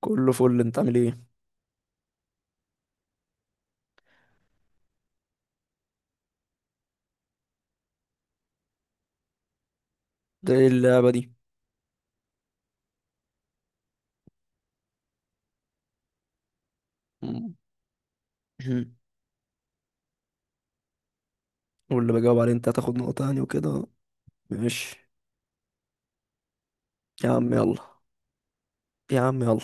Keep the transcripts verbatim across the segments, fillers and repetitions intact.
كله فل، انت عامل ايه؟ ده ايه اللعبة دي؟ مم. واللي بجاوب عليه انت هتاخد نقطة يعني وكده. ماشي. يا عم يلا. يا عم يلا.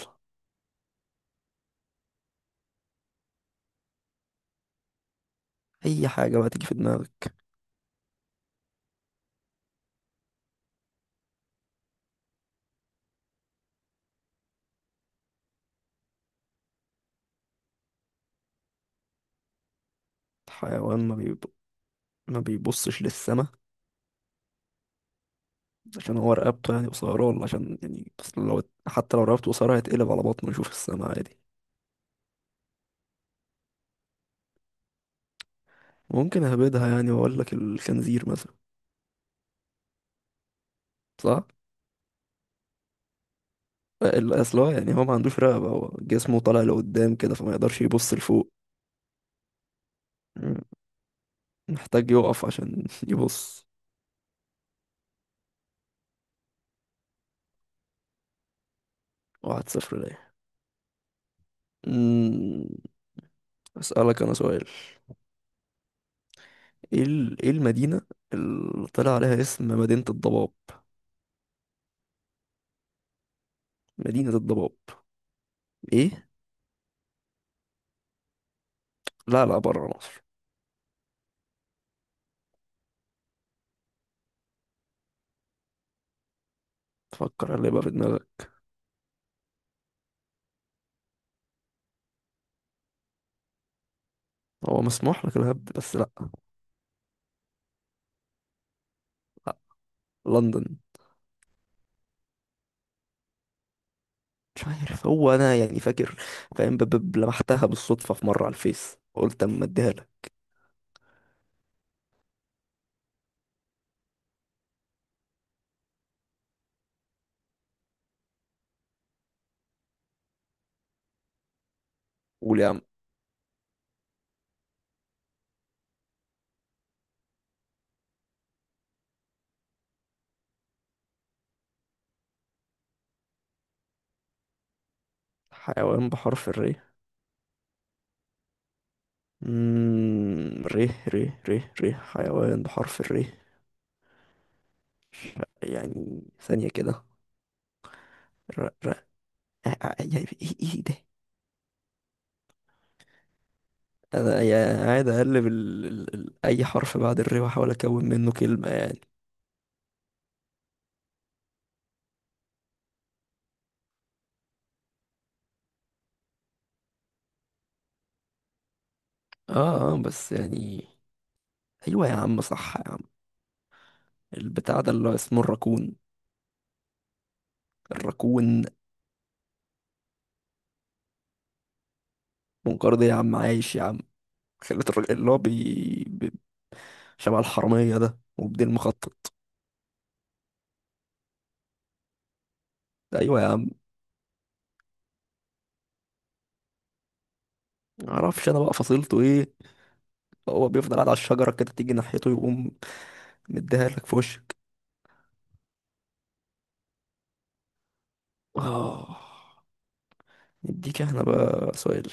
اي حاجة بقى تيجي في دماغك. حيوان ما بيب... ما بيبصش للسما؟ عشان هو رقبته يعني قصيرة، ولا عشان يعني اصل لو، حتى لو رقبته قصيرة هيتقلب على بطنه يشوف السما عادي. ممكن اهبدها يعني واقول لك الخنزير مثلا. صح. ال- اصل هو يعني هو ما عندوش رقبة، هو جسمه طالع لقدام كده، فما يقدرش يبص لفوق. مم. محتاج يقف عشان يبص. واحد صفر ليا. أمم، أسألك أنا سؤال. إيه ال- إيه المدينة اللي طلع عليها اسم مدينة الضباب؟ مدينة الضباب. إيه؟ لا لا، برا مصر. تفكر اللي يبقى في دماغك. هو مسموح لك الهبد، بس لأ. لأ. لندن. مش عارف، هو أنا يعني فاكر، فاهم ب- ب- لمحتها بالصدفة في مرة على الفيس، قلت أما أديها لك. قول يا عم. حيوان بحرف الري؟ مم... ري ري ري ري، حيوان بحرف الري. يعني ثانية كده. ع- يعني ايه ايه ده. انا يعني قاعد اقلب ال... ال... ال... اي حرف بعد الري واحاول اكون منه كلمه يعني. اه اه، بس يعني، ايوه يا عم، صح يا عم، البتاع ده اللي هو اسمه الراكون. الراكون. منقار ده يا عم، عايش يا عم. خلت الراجل اللي هو بي... بي... شبه الحراميه ده، وبدين مخطط. ايوه يا عم. معرفش انا بقى فصيلته ايه. هو بيفضل قاعد على الشجره كده، تيجي ناحيته يقوم مديها لك في وشك. اه. نديك احنا بقى سؤال.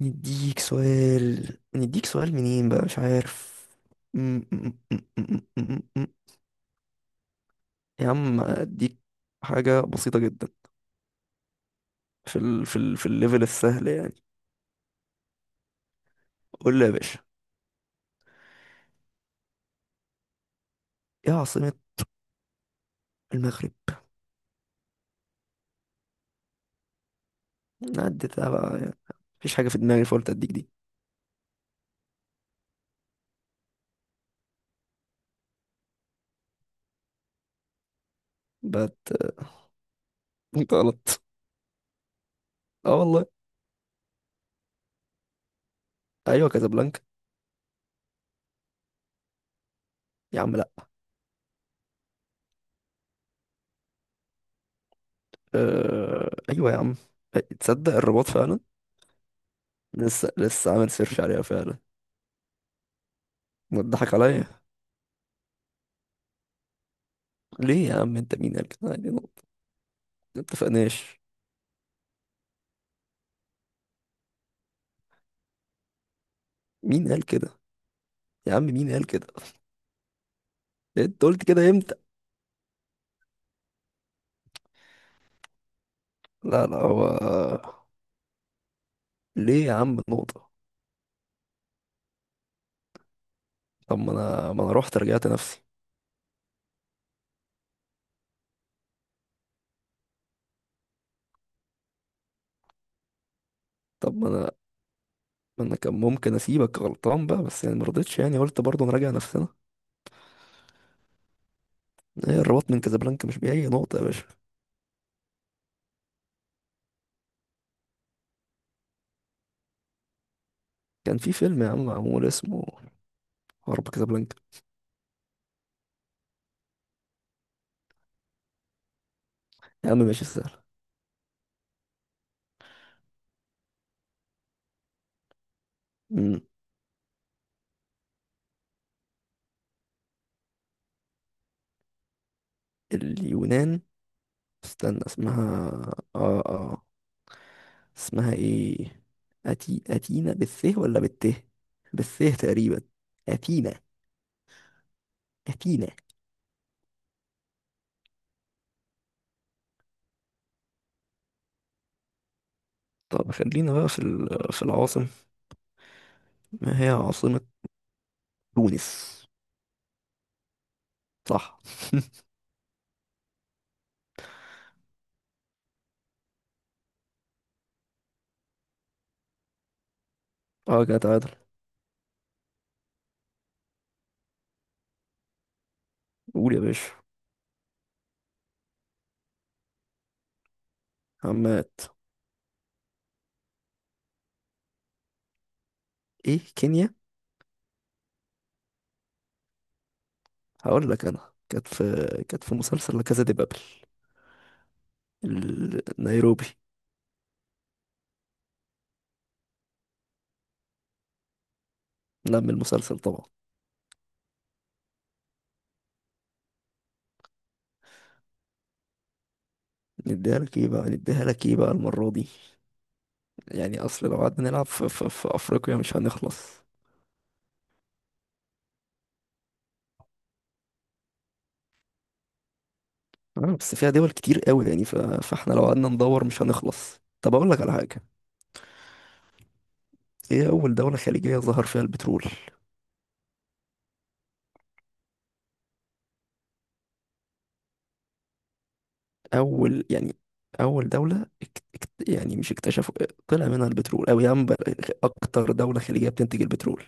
نديك سؤال، نديك سؤال منين بقى مش عارف. م- م- م- م- م- م- م. يا عم اديك حاجة بسيطة جدا، في ال... في ال... في الليفل السهل يعني. قول لي يا باشا. ايه عاصمة المغرب؟ عدتها بقى يعني، مفيش حاجة في دماغي فقلت اديك دي. بت. انت غلط. اه والله. ايوه، كازابلانكا. يا عم لا. أه... ايوه يا عم. آه، تصدق الرباط فعلا. لسه لسه عامل سيرش عليها فعلا. ما تضحك عليا. ليه يا عم؟ انت مين قال كده؟ عادي، ما اتفقناش. مين قال كده؟ يا عم مين قال كده؟ انت قلت كده امتى؟ لا لا هو. ليه يا عم النقطة؟ طب ما انا، ما انا رحت رجعت نفسي. طب ما انا، ما انا كان ممكن اسيبك غلطان بقى، بس يعني ما رضيتش، يعني قلت برضه نراجع نفسنا. ايه الرباط من كازابلانكا، مش بأي نقطة يا باشا. كان في فيلم يا عم معمول اسمه حرب كازابلانكا. يا عم ماشي سهل. مم. اليونان. استنى اسمها. اه اه. اسمها ايه؟ أتي... أتينا بالث ولا بالت؟ بالث تقريبا. أتينا. أثينا. طب خلينا بقى في ال- في العاصم. ما هي عاصمة تونس. صح. اه كده تعادل. قول يا باشا. عمات. ايه كينيا. هقول لك انا، كانت في كانت في مسلسل لا كازا دي بابل، ال- نيروبي. نعمل المسلسل طبعا. نديها لك ايه بقى، نديها لك ايه بقى المرة دي. يعني اصل لو قعدنا نلعب في, في, في افريقيا مش هنخلص. آه بس فيها دول كتير قوي، يعني ف... فاحنا لو قعدنا ندور مش هنخلص. طب اقول لك على حاجة. ايه اول دولة خليجية ظهر فيها البترول؟ اول يعني، اول دوله اكت... اكت- يعني مش اكتشفوا، طلع منها البترول او يعني اكتر دوله خليجيه بتنتج البترول.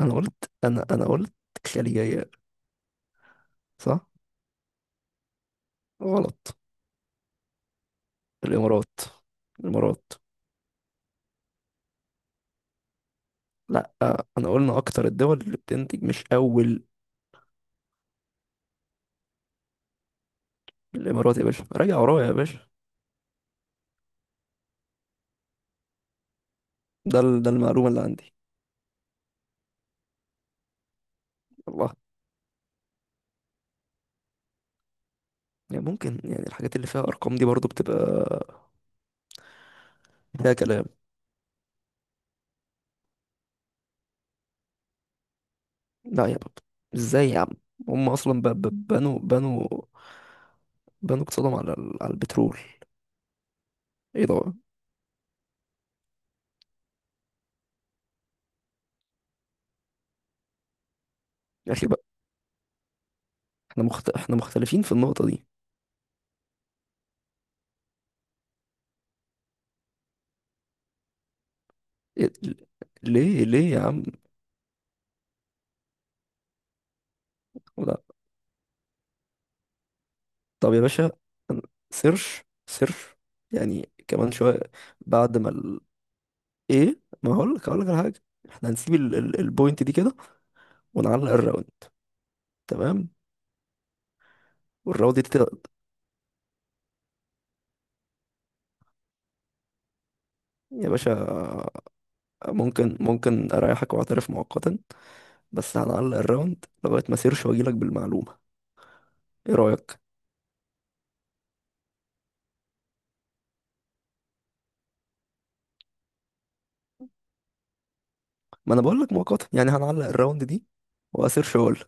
انا قلت انا انا قلت خليجيه. صح. غلط. الامارات. الامارات. لا آه، انا قلنا اكتر الدول اللي بتنتج مش اول. الامارات يا باشا، راجع ورايا يا باشا. ده ال... ده المعلومه اللي عندي. الله. يعني ممكن، يعني الحاجات اللي فيها ارقام دي برضو بتبقى فيها كلام. لا يا بابا، ازاي يا عم؟ هم اصلا ب- ب- بنوا بنوا بنوا اقتصادهم على ال- على البترول. ايه ده؟ يا اخي بقى. احنا مخت... احنا مختلفين في النقطة دي. إيه... ل- ليه ليه يا عم؟ لا. طب يا باشا، أنا- سيرش سيرش يعني كمان شوية. بعد ما ال... ايه، ما هقول لك هقول لك على حاجة. احنا هنسيب ال... ال... البوينت دي كده ونعلق الراوند. تمام. والراوند دي تت- يا باشا، ممكن ممكن اريحك واعترف مؤقتا، بس هنعلق الراوند لغاية ما سيرش واجيلك بالمعلومة. ايه رأيك؟ ما انا بقول لك مؤقتا، يعني هنعلق الراوند دي واسيرش اقول.